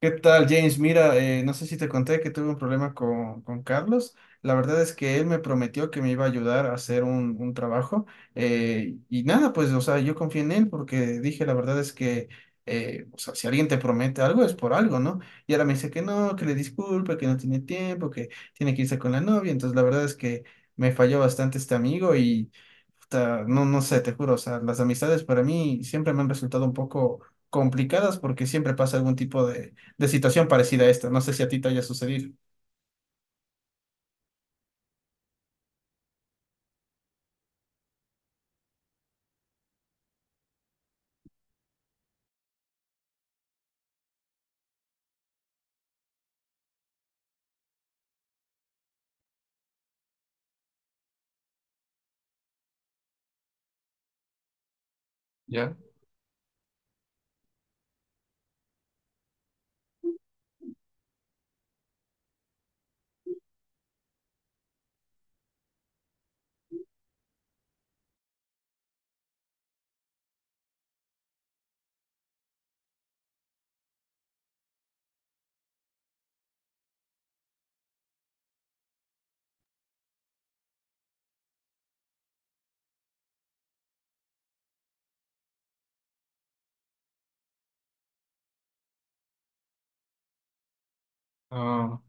¿Qué tal, James? Mira, no sé si te conté que tuve un problema con Carlos. La verdad es que él me prometió que me iba a ayudar a hacer un trabajo. Y nada, pues, o sea, yo confié en él porque dije, la verdad es que, o sea, si alguien te promete algo es por algo, ¿no? Y ahora me dice que no, que le disculpe, que no tiene tiempo, que tiene que irse con la novia. Entonces, la verdad es que me falló bastante este amigo y, puta, no sé, te juro, o sea, las amistades para mí siempre me han resultado un poco complicadas porque siempre pasa algún tipo de situación parecida a esta. No sé si a ti te haya sucedido. ¿Ya? Ah,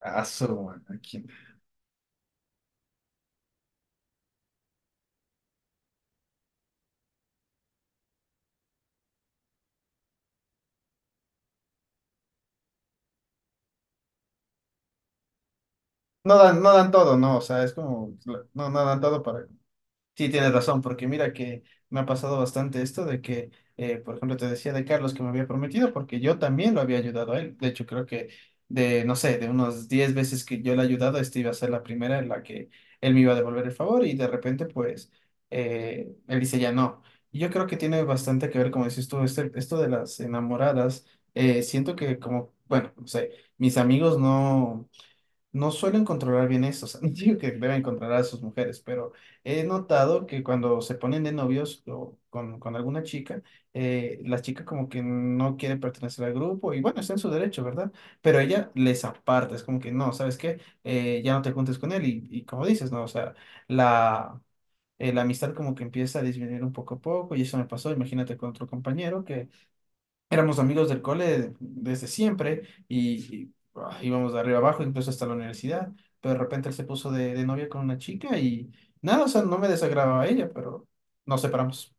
aso, aquí. No dan, no dan todo, ¿no? O sea, es como, no, no dan todo para, sí, tienes razón, porque mira que me ha pasado bastante esto de que, por ejemplo, te decía de Carlos que me había prometido, porque yo también lo había ayudado a él. De hecho, creo que de, no sé, de unos 10 veces que yo le he ayudado, esta iba a ser la primera en la que él me iba a devolver el favor y de repente, pues, él dice ya no. Y yo creo que tiene bastante que ver, como dices tú, este, esto de las enamoradas. Siento que como, bueno, no sé, mis amigos no suelen controlar bien eso, o sea, no digo que deben controlar a sus mujeres, pero he notado que cuando se ponen de novios o con alguna chica, la chica como que no quiere pertenecer al grupo y bueno, está en su derecho, ¿verdad? Pero ella les aparta, es como que no, ¿sabes qué? Ya no te juntes con él y como dices, ¿no? O sea, la... la amistad como que empieza a disminuir un poco a poco y eso me pasó, imagínate con otro compañero que éramos amigos del cole desde siempre y íbamos de arriba abajo, incluso hasta la universidad, pero de repente él se puso de novia con una chica y nada, o sea, no me desagradaba a ella, pero nos separamos.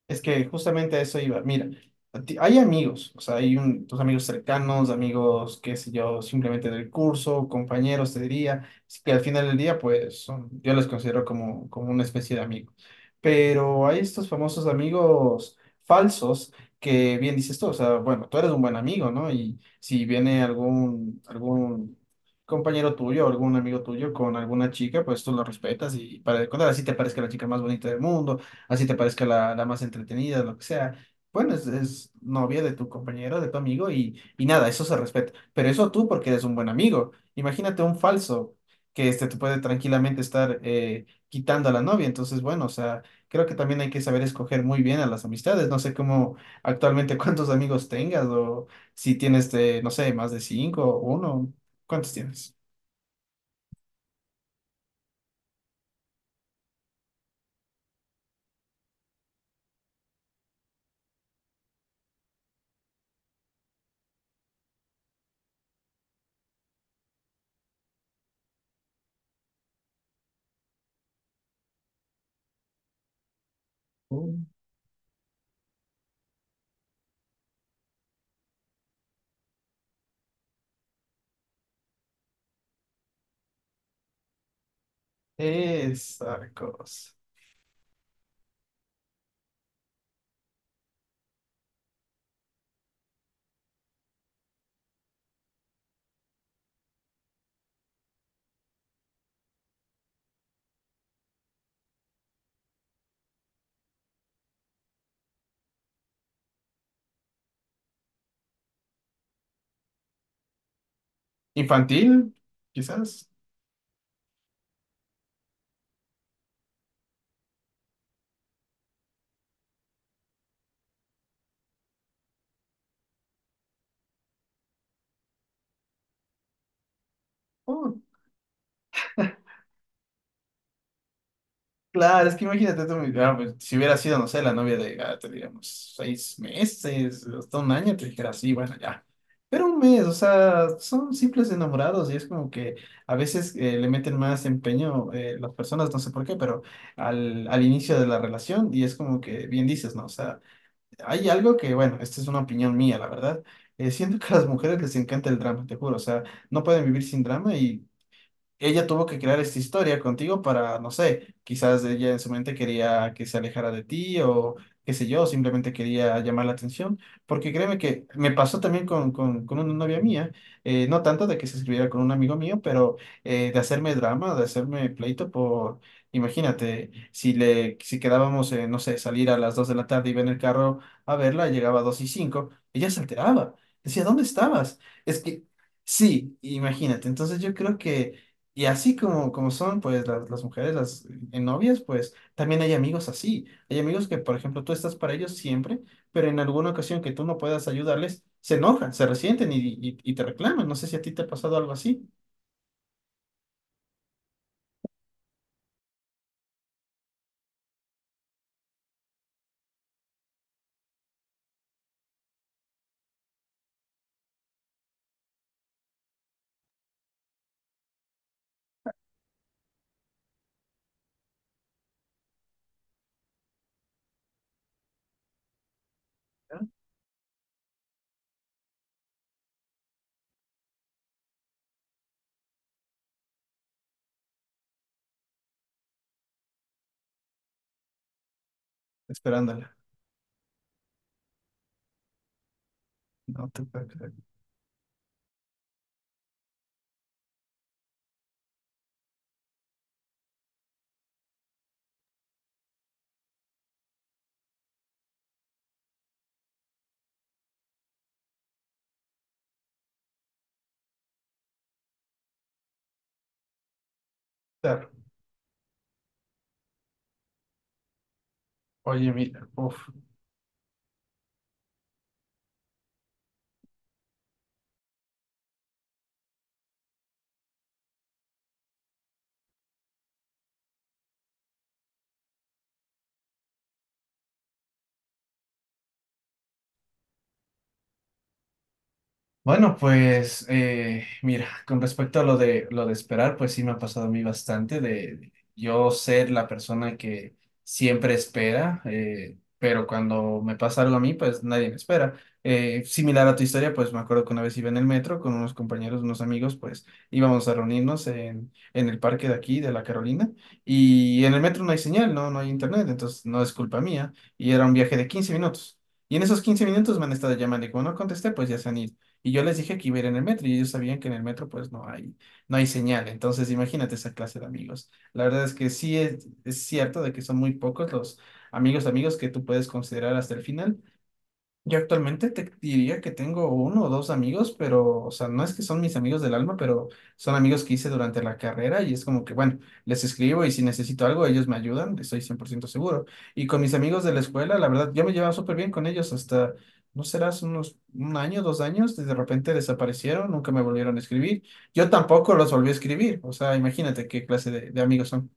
Es que justamente a eso iba. Mira, hay amigos, o sea, tus amigos cercanos, amigos, qué sé yo, simplemente del curso, compañeros, te diría, así que al final del día, pues son, yo los considero como, como una especie de amigo. Pero hay estos famosos amigos falsos que bien dices tú, o sea, bueno, tú eres un buen amigo, ¿no? Y si viene algún compañero tuyo, algún amigo tuyo con alguna chica, pues tú lo respetas y para de contar, así te parezca la chica más bonita del mundo, así te parezca la más entretenida, lo que sea. Bueno, es novia de tu compañero, de tu amigo y nada, eso se respeta. Pero eso tú porque eres un buen amigo. Imagínate un falso que este te puede tranquilamente estar quitando a la novia. Entonces, bueno, o sea, creo que también hay que saber escoger muy bien a las amistades. No sé cómo actualmente cuántos amigos tengas o si tienes, de, no sé, más de cinco o uno. ¿Cuántos tienes? Mm. Esa cosa. ¿Infantil? Quizás. Oh, claro, es que imagínate tú, ah, pues, si hubiera sido, no sé, la novia de Gato, digamos, seis meses, hasta un año, te dijera, sí, bueno, ya. Pero un mes, o sea, son simples enamorados y es como que a veces le meten más empeño las personas, no sé por qué, pero al inicio de la relación y es como que bien dices, ¿no? O sea, hay algo que, bueno, esta es una opinión mía, la verdad. Siento que a las mujeres les encanta el drama, te juro, o sea, no pueden vivir sin drama y ella tuvo que crear esta historia contigo para, no sé, quizás ella en su mente quería que se alejara de ti o qué sé yo, simplemente quería llamar la atención, porque créeme que me pasó también con una novia mía, no tanto de que se escribiera con un amigo mío, pero de hacerme drama, de hacerme pleito por, imagínate, si quedábamos, no sé, salir a las 2 de la tarde, iba en el carro a verla, llegaba a 2 y cinco, ella se alteraba, decía, ¿dónde estabas? Es que... sí, imagínate. Entonces yo creo que y así como, como son, pues, las mujeres, las novias, pues, también hay amigos así. Hay amigos que, por ejemplo, tú estás para ellos siempre, pero en alguna ocasión que tú no puedas ayudarles, se enojan, se resienten y te reclaman. No sé si a ti te ha pasado algo así, ¿no? Esperándola. No te puedo creer. Claro. Oye, mira, uf. Bueno, pues mira, con respecto a lo de esperar, pues sí me ha pasado a mí bastante de yo ser la persona que siempre espera, pero cuando me pasa algo a mí, pues nadie me espera. Similar a tu historia, pues me acuerdo que una vez iba en el metro con unos compañeros, unos amigos, pues íbamos a reunirnos en el parque de aquí, de la Carolina, y en el metro no hay señal, no hay internet, entonces no es culpa mía, y era un viaje de 15 minutos. Y en esos 15 minutos me han estado llamando y como no contesté, pues ya se han ido. Y yo les dije que iba a ir en el metro y ellos sabían que en el metro pues no hay, no hay señal. Entonces imagínate esa clase de amigos. La verdad es que sí es cierto de que son muy pocos los amigos, amigos que tú puedes considerar hasta el final. Yo actualmente te diría que tengo uno o dos amigos, pero, o sea, no es que son mis amigos del alma, pero son amigos que hice durante la carrera y es como que, bueno, les escribo y si necesito algo, ellos me ayudan, estoy 100% seguro. Y con mis amigos de la escuela, la verdad, yo me llevaba súper bien con ellos hasta, no serás unos 1 año, 2 años, de repente desaparecieron, nunca me volvieron a escribir. Yo tampoco los volví a escribir, o sea, imagínate qué clase de amigos son.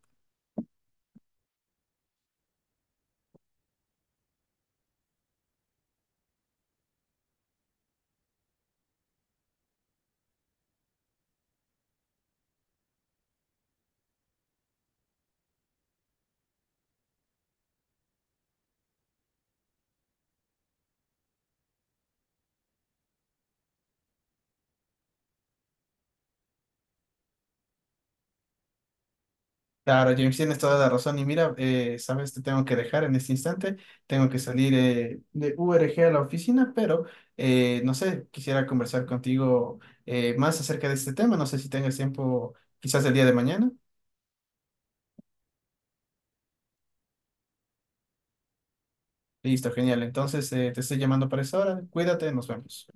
Claro, James, tienes toda la razón. Y mira, sabes, te tengo que dejar en este instante. Tengo que salir de URG a la oficina, pero no sé, quisiera conversar contigo más acerca de este tema. No sé si tengas tiempo, quizás el día de mañana. Listo, genial. Entonces, te estoy llamando para esa hora. Cuídate, nos vemos.